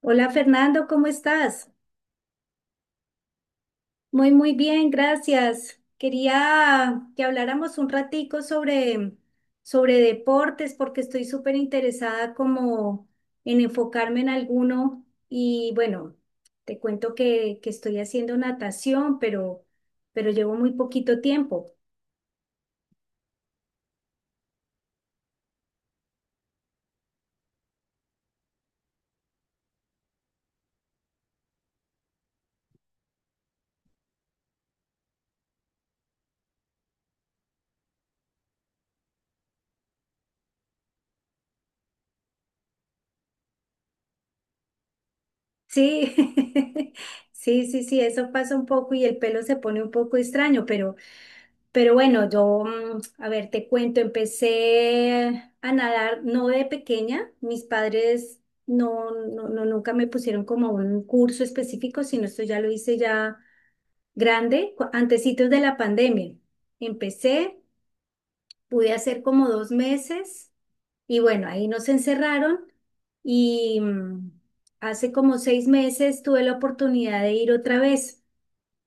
Hola Fernando, ¿cómo estás? Muy, muy bien, gracias. Quería que habláramos un ratico sobre deportes porque estoy súper interesada como en enfocarme en alguno y bueno, te cuento que estoy haciendo natación, pero llevo muy poquito tiempo. Sí, sí, sí, sí, eso pasa un poco y el pelo se pone un poco extraño, pero bueno, yo, a ver, te cuento, empecé a nadar no de pequeña, mis padres no, no, no, nunca me pusieron como un curso específico, sino esto ya lo hice ya grande, antecitos de la pandemia. Empecé, pude hacer como 2 meses. Y bueno, ahí nos encerraron y hace como 6 meses tuve la oportunidad de ir otra vez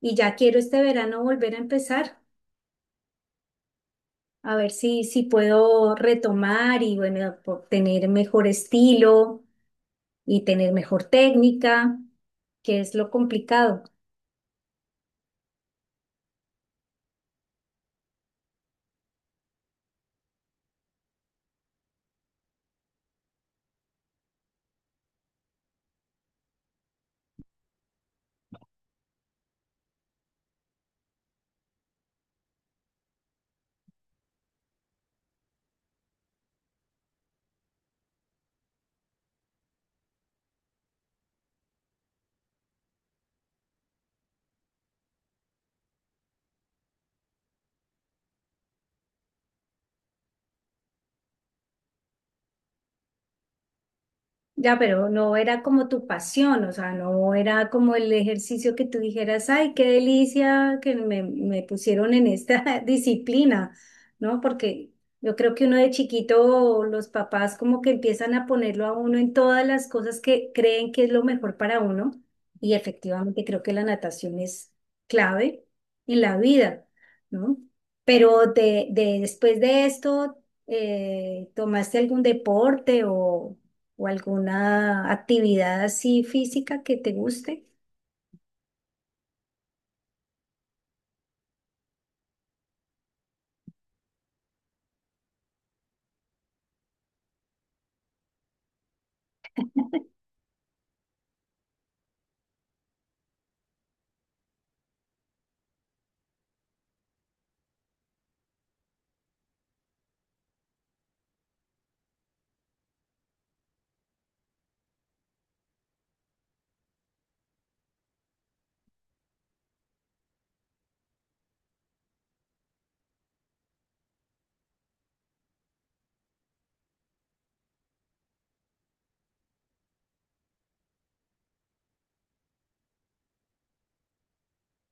y ya quiero este verano volver a empezar, a ver si puedo retomar y bueno, por tener mejor estilo y tener mejor técnica, que es lo complicado. Ya, pero no era como tu pasión, o sea, no era como el ejercicio que tú dijeras, ay, qué delicia que me pusieron en esta disciplina, ¿no? Porque yo creo que uno de chiquito, los papás como que empiezan a ponerlo a uno en todas las cosas que creen que es lo mejor para uno, y efectivamente creo que la natación es clave en la vida, ¿no? Pero después de esto, ¿tomaste algún deporte o alguna actividad así física que te guste?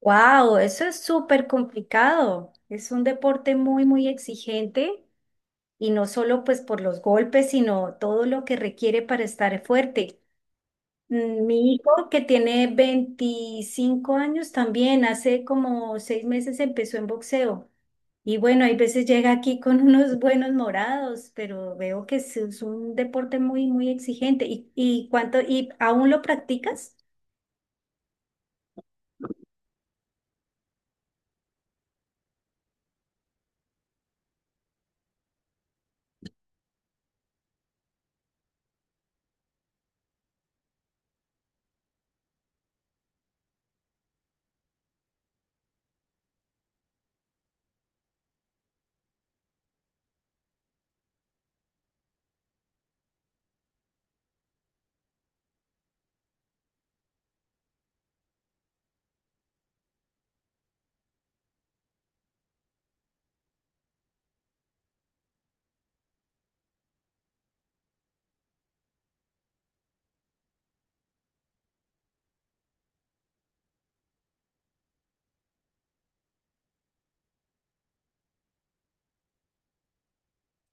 Wow, eso es súper complicado. Es un deporte muy, muy exigente y no solo pues por los golpes, sino todo lo que requiere para estar fuerte. Mi hijo que tiene 25 años también, hace como 6 meses empezó en boxeo y bueno, hay veces llega aquí con unos buenos morados, pero veo que es un deporte muy, muy exigente. ¿Y aún lo practicas?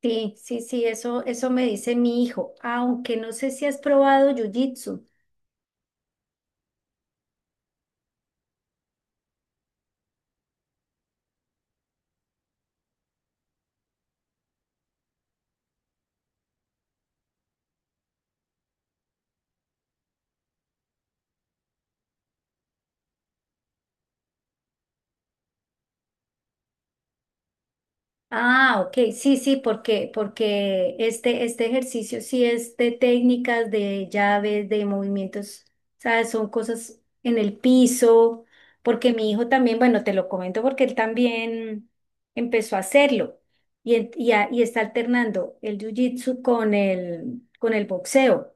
Sí, sí, sí, eso me dice mi hijo, aunque no sé si has probado jiu-jitsu. Ah, ok, sí, sí, porque este ejercicio sí es de técnicas, de llaves, de movimientos, ¿sabes? Son cosas en el piso, porque mi hijo también, bueno, te lo comento porque él también empezó a hacerlo y está alternando el jiu-jitsu con el boxeo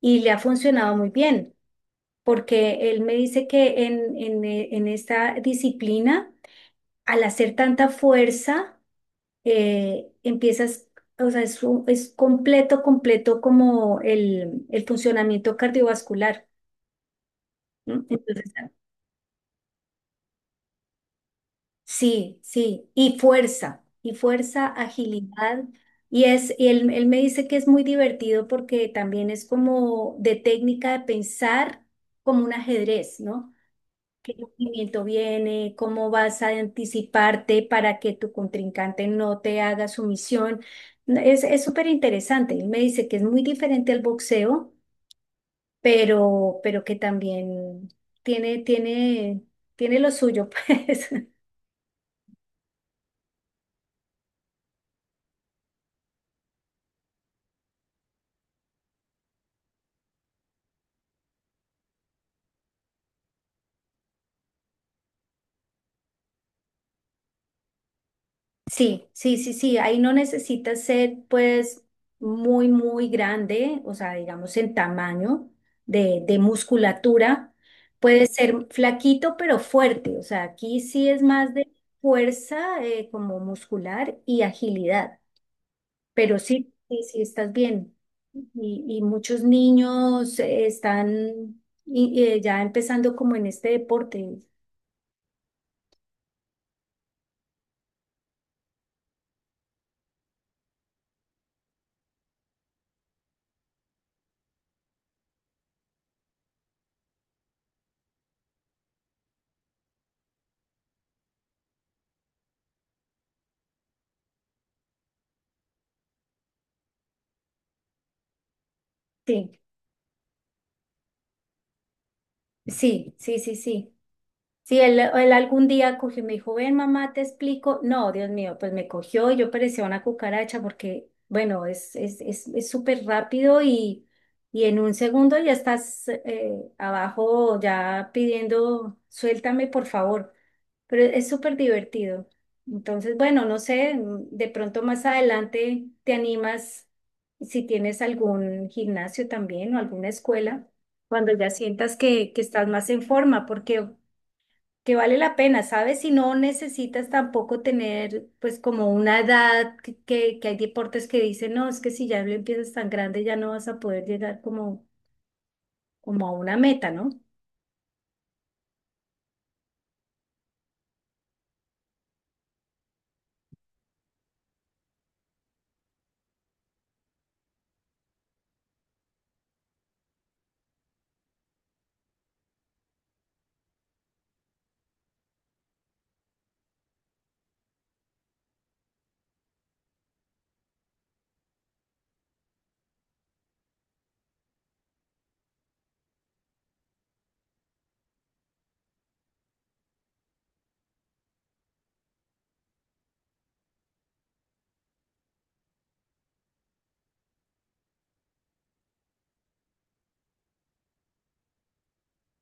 y le ha funcionado muy bien. Porque él me dice que en esta disciplina, al hacer tanta fuerza, empiezas, o sea, es completo, completo como el funcionamiento cardiovascular. ¿Mm? Entonces, sí, sí, y fuerza, agilidad. Y y él me dice que es muy divertido porque también es como de técnica de pensar como un ajedrez, ¿no? Qué movimiento viene, cómo vas a anticiparte para que tu contrincante no te haga sumisión. Es súper interesante. Él me dice que es muy diferente al boxeo, pero que también tiene, tiene, tiene lo suyo, pues. Sí, sí, sí, sí, ahí no necesita ser pues muy, muy grande, o sea, digamos en tamaño de musculatura. Puede ser flaquito pero fuerte, o sea, aquí sí es más de fuerza como muscular y agilidad, pero sí, sí, sí estás bien. Y muchos niños están ya empezando como en este deporte. Sí, sí, sí, sí, sí. Si él algún día cogió y me dijo, ven mamá, te explico. No, Dios mío, pues me cogió y yo parecía una cucaracha porque, bueno, es súper rápido y en un segundo ya estás abajo ya pidiendo, suéltame por favor. Pero es súper divertido. Entonces, bueno, no sé, de pronto más adelante te animas si tienes algún gimnasio también o alguna escuela, cuando ya sientas que estás más en forma, porque que vale la pena, ¿sabes? Si no necesitas tampoco tener pues como una edad que hay deportes que dicen, no, es que si ya lo empiezas tan grande ya no vas a poder llegar como a una meta, ¿no?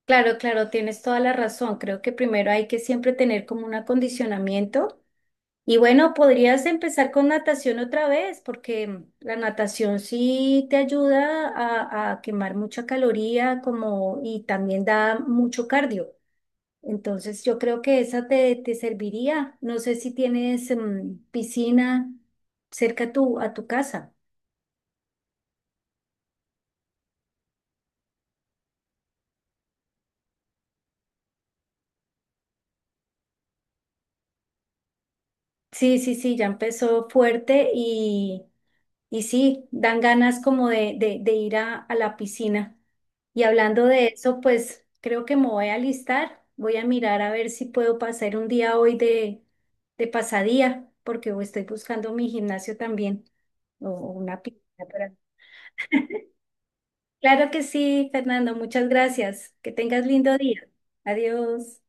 Claro, claro, tienes toda la razón. Creo que primero hay que siempre tener como un acondicionamiento. Y bueno, podrías empezar con natación otra vez, porque la natación sí te ayuda a quemar mucha caloría como, y también da mucho cardio. Entonces yo creo que esa te serviría. No sé si tienes piscina cerca a tu casa. Sí, sí, sí, ya empezó fuerte y sí, dan ganas como de ir a la piscina. Y hablando de eso, pues creo que me voy a alistar. Voy a mirar a ver si puedo pasar un día hoy de pasadía, porque estoy buscando mi gimnasio también o una piscina. Claro que sí, Fernando. Muchas gracias. Que tengas lindo día. Adiós.